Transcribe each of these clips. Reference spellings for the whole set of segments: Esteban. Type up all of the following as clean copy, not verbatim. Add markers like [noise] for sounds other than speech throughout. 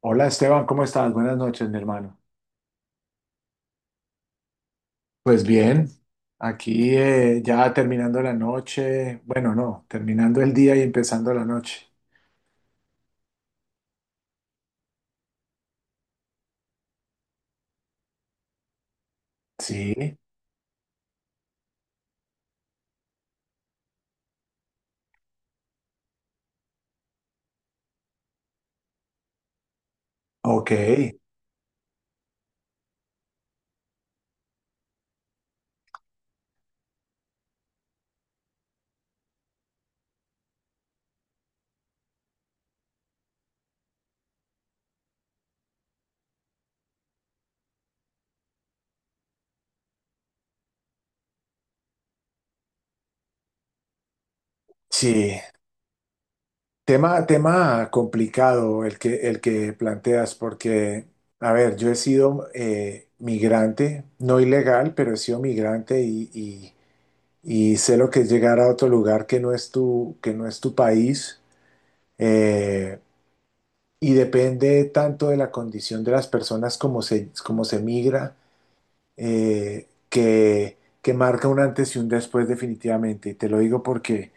Hola Esteban, ¿cómo estás? Buenas noches, mi hermano. Pues bien, aquí ya terminando la noche, bueno, no, terminando el día y empezando la noche. Sí, ok, sí. Tema complicado el que planteas, porque, a ver, yo he sido migrante, no ilegal, pero he sido migrante y sé lo que es llegar a otro lugar que no es que no es tu país. Eh, y depende tanto de la condición de las personas como como se migra, que marca un antes y un después definitivamente. Y te lo digo porque,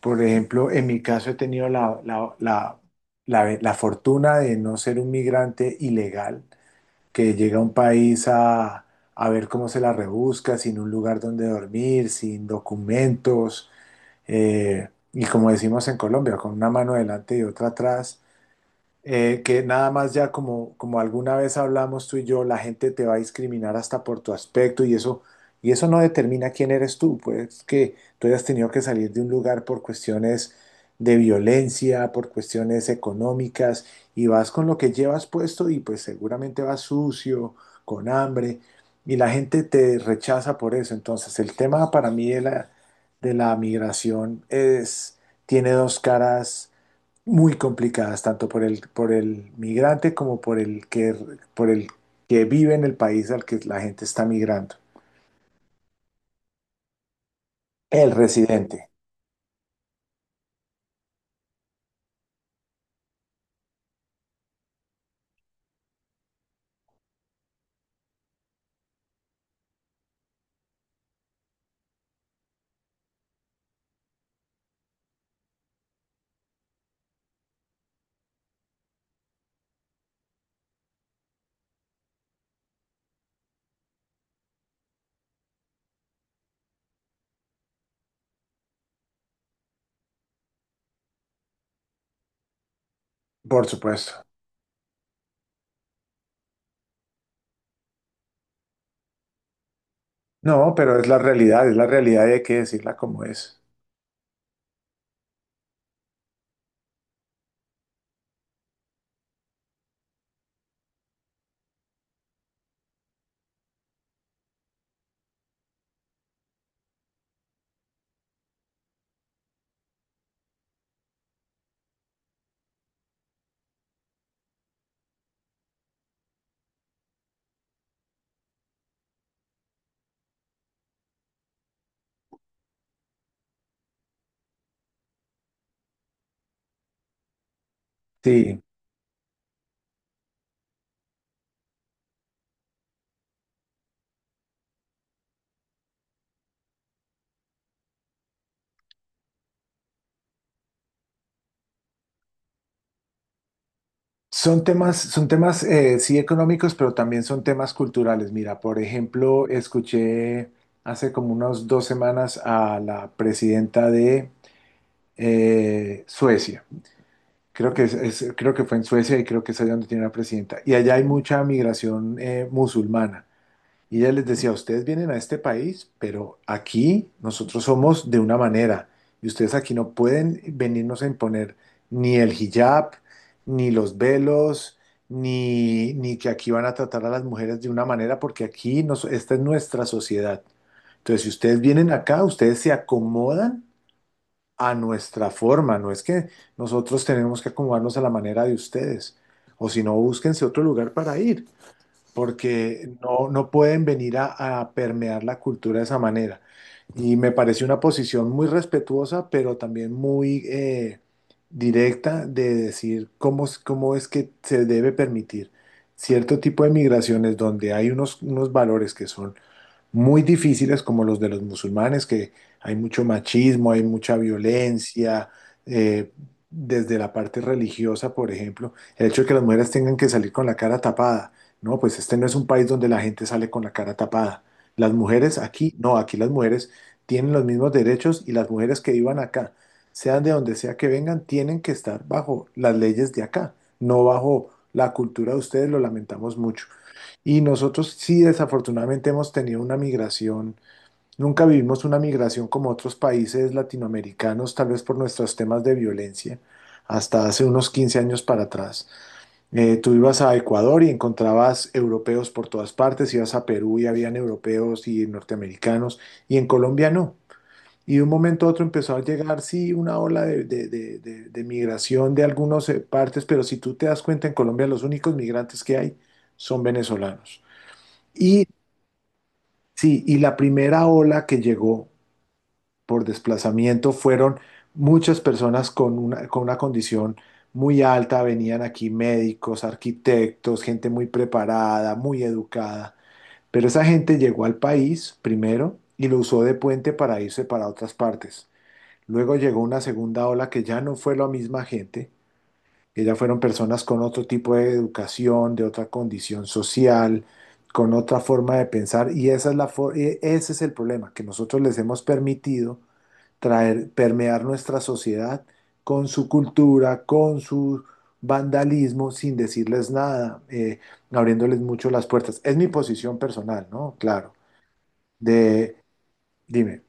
por ejemplo, en mi caso he tenido la fortuna de no ser un migrante ilegal que llega a un país a ver cómo se la rebusca, sin un lugar donde dormir, sin documentos, y como decimos en Colombia, con una mano adelante y otra atrás que nada más ya como alguna vez hablamos tú y yo, la gente te va a discriminar hasta por tu aspecto y eso no determina quién eres tú, pues que tú hayas tenido que salir de un lugar por cuestiones de violencia, por cuestiones económicas, y vas con lo que llevas puesto y pues seguramente vas sucio, con hambre, y la gente te rechaza por eso. Entonces, el tema para mí de de la migración es, tiene dos caras muy complicadas, tanto por por el migrante como por por el que vive en el país al que la gente está migrando. El residente, por supuesto. No, pero es la realidad y hay que decirla como es. Sí, son temas, sí, económicos, pero también son temas culturales. Mira, por ejemplo, escuché hace como unas 2 semanas a la presidenta de Suecia. Creo que creo que fue en Suecia y creo que es allá donde tiene la presidenta. Y allá hay mucha migración musulmana. Y ella les decía, ustedes vienen a este país, pero aquí nosotros somos de una manera. Y ustedes aquí no pueden venirnos a imponer ni el hijab, ni los velos, ni que aquí van a tratar a las mujeres de una manera, porque aquí nos, esta es nuestra sociedad. Entonces, si ustedes vienen acá, ustedes se acomodan a nuestra forma, no es que nosotros tenemos que acomodarnos a la manera de ustedes, o si no, búsquense otro lugar para ir, porque no, no pueden venir a permear la cultura de esa manera. Y me pareció una posición muy respetuosa, pero también muy directa de decir cómo es que se debe permitir cierto tipo de migraciones donde hay unos valores que son muy difíciles como los de los musulmanes, que hay mucho machismo, hay mucha violencia, eh, desde la parte religiosa, por ejemplo, el hecho de que las mujeres tengan que salir con la cara tapada. No, pues este no es un país donde la gente sale con la cara tapada. Las mujeres aquí, no, aquí las mujeres tienen los mismos derechos y las mujeres que vivan acá, sean de donde sea que vengan, tienen que estar bajo las leyes de acá, no bajo la cultura de ustedes, lo lamentamos mucho. Y nosotros sí, desafortunadamente hemos tenido una migración, nunca vivimos una migración como otros países latinoamericanos, tal vez por nuestros temas de violencia, hasta hace unos 15 años para atrás. Tú ibas a Ecuador y encontrabas europeos por todas partes, ibas a Perú y habían europeos y norteamericanos, y en Colombia no. Y de un momento a otro empezó a llegar, sí, una ola de migración de algunas partes, pero si tú te das cuenta, en Colombia los únicos migrantes que hay son venezolanos. Y sí, y la primera ola que llegó por desplazamiento fueron muchas personas con con una condición muy alta, venían aquí médicos, arquitectos, gente muy preparada, muy educada, pero esa gente llegó al país primero y lo usó de puente para irse para otras partes. Luego llegó una segunda ola que ya no fue la misma gente, que ya fueron personas con otro tipo de educación, de otra condición social, con otra forma de pensar, y esa es ese es el problema, que nosotros les hemos permitido traer, permear nuestra sociedad con su cultura, con su vandalismo, sin decirles nada, abriéndoles mucho las puertas. Es mi posición personal, ¿no? Claro. De, dime.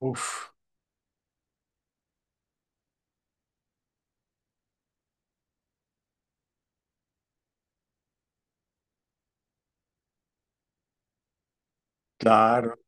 Uf, claro.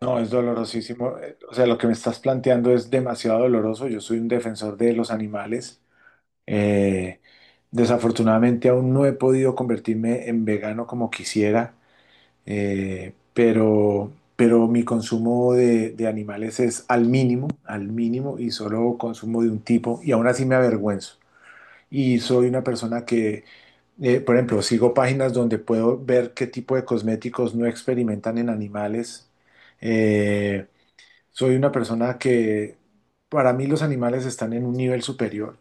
No, es dolorosísimo. O sea, lo que me estás planteando es demasiado doloroso. Yo soy un defensor de los animales. Eh, desafortunadamente aún no he podido convertirme en vegano como quisiera, pero mi consumo de animales es al mínimo, y solo consumo de un tipo, y aún así me avergüenzo. Y soy una persona que, por ejemplo, sigo páginas donde puedo ver qué tipo de cosméticos no experimentan en animales. Eh, soy una persona que, para mí, los animales están en un nivel superior.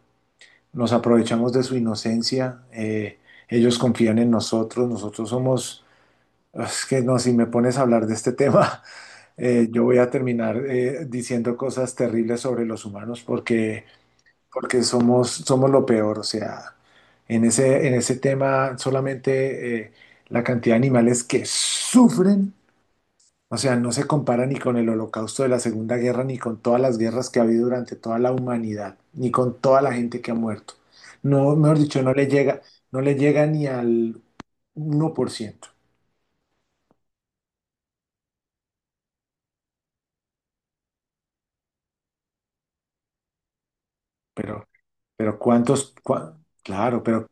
Nos aprovechamos de su inocencia, ellos confían en nosotros, nosotros somos... Es que no, si me pones a hablar de este tema, [laughs] yo voy a terminar diciendo cosas terribles sobre los humanos porque, porque somos, somos lo peor. O sea, en en ese tema solamente la cantidad de animales que sufren o sea, no se compara ni con el holocausto de la Segunda Guerra, ni con todas las guerras que ha habido durante toda la humanidad, ni con toda la gente que ha muerto. No, mejor dicho, no le llega, no le llega ni al 1%. Pero, pero claro, pero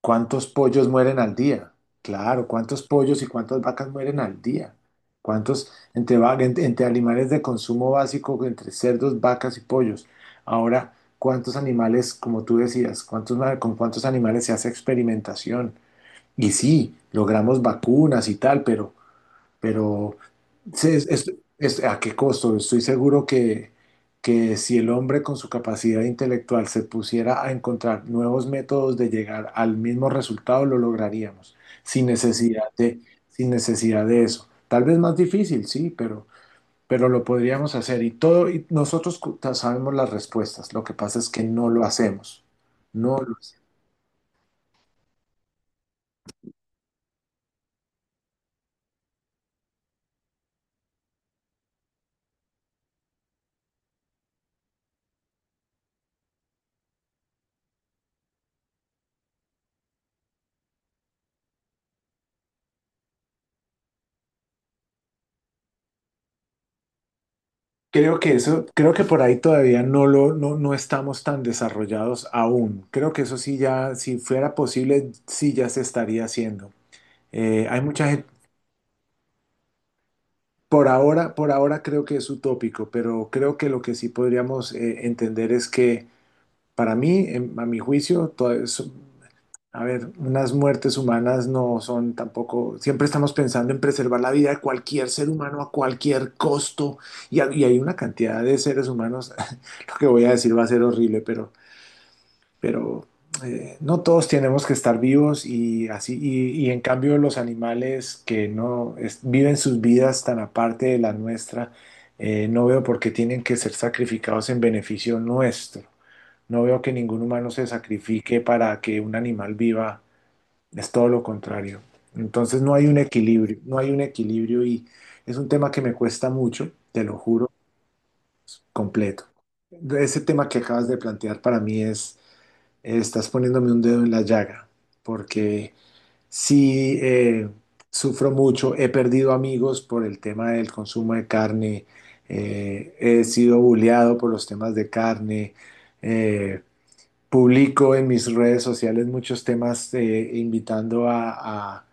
¿cuántos pollos mueren al día? Claro, ¿cuántos pollos y cuántas vacas mueren al día? ¿Cuántos entre animales de consumo básico, entre cerdos, vacas y pollos? Ahora, ¿cuántos animales, como tú decías, con cuántos animales se hace experimentación? Y sí, logramos vacunas y tal, pero sí, ¿a qué costo? Estoy seguro que si el hombre con su capacidad intelectual se pusiera a encontrar nuevos métodos de llegar al mismo resultado, lo lograríamos, sin necesidad de, sin necesidad de eso. Tal vez más difícil, sí, pero lo podríamos hacer. Y todo, y nosotros sabemos las respuestas. Lo que pasa es que no lo hacemos. No lo hacemos. Creo que eso, creo que por ahí todavía no no estamos tan desarrollados aún. Creo que eso sí ya, si fuera posible, sí ya se estaría haciendo. Hay mucha gente, por ahora creo que es utópico, pero creo que lo que sí podríamos entender es que para mí, a mi juicio, todo eso- A ver, unas muertes humanas no son tampoco, siempre estamos pensando en preservar la vida de cualquier ser humano a cualquier costo y hay una cantidad de seres humanos, [laughs] lo que voy a decir va a ser horrible, pero no todos tenemos que estar vivos y así, y en cambio los animales que no es- viven sus vidas tan aparte de la nuestra, no veo por qué tienen que ser sacrificados en beneficio nuestro. No veo que ningún humano se sacrifique para que un animal viva. Es todo lo contrario. Entonces no hay un equilibrio, no hay un equilibrio y es un tema que me cuesta mucho, te lo juro, completo. Ese tema que acabas de plantear para mí es, estás poniéndome un dedo en la llaga, porque sí sufro mucho, he perdido amigos por el tema del consumo de carne, he sido bulleado por los temas de carne, eh, publico en mis redes sociales muchos temas invitando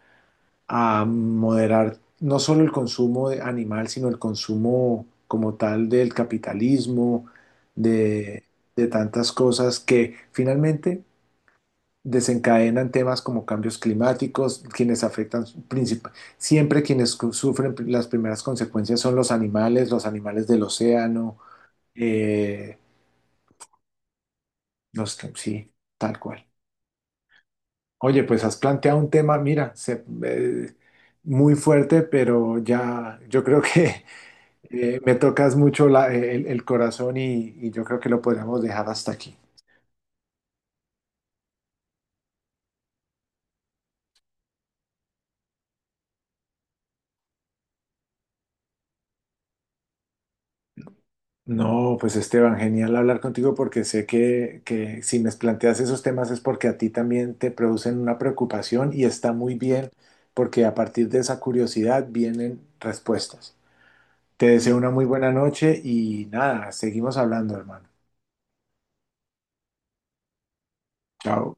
a moderar no solo el consumo de animal, sino el consumo como tal del capitalismo, de, de tantas cosas que finalmente desencadenan temas como cambios climáticos, siempre sufren las primeras consecuencias son los animales del océano, eh, sí, tal cual. Oye, pues has planteado un tema, mira, muy fuerte, pero ya yo creo que me tocas mucho el corazón y yo creo que lo podríamos dejar hasta aquí. No, pues Esteban, genial hablar contigo porque sé que si me planteas esos temas es porque a ti también te producen una preocupación y está muy bien porque a partir de esa curiosidad vienen respuestas. Te deseo una muy buena noche y nada, seguimos hablando, hermano. Chao.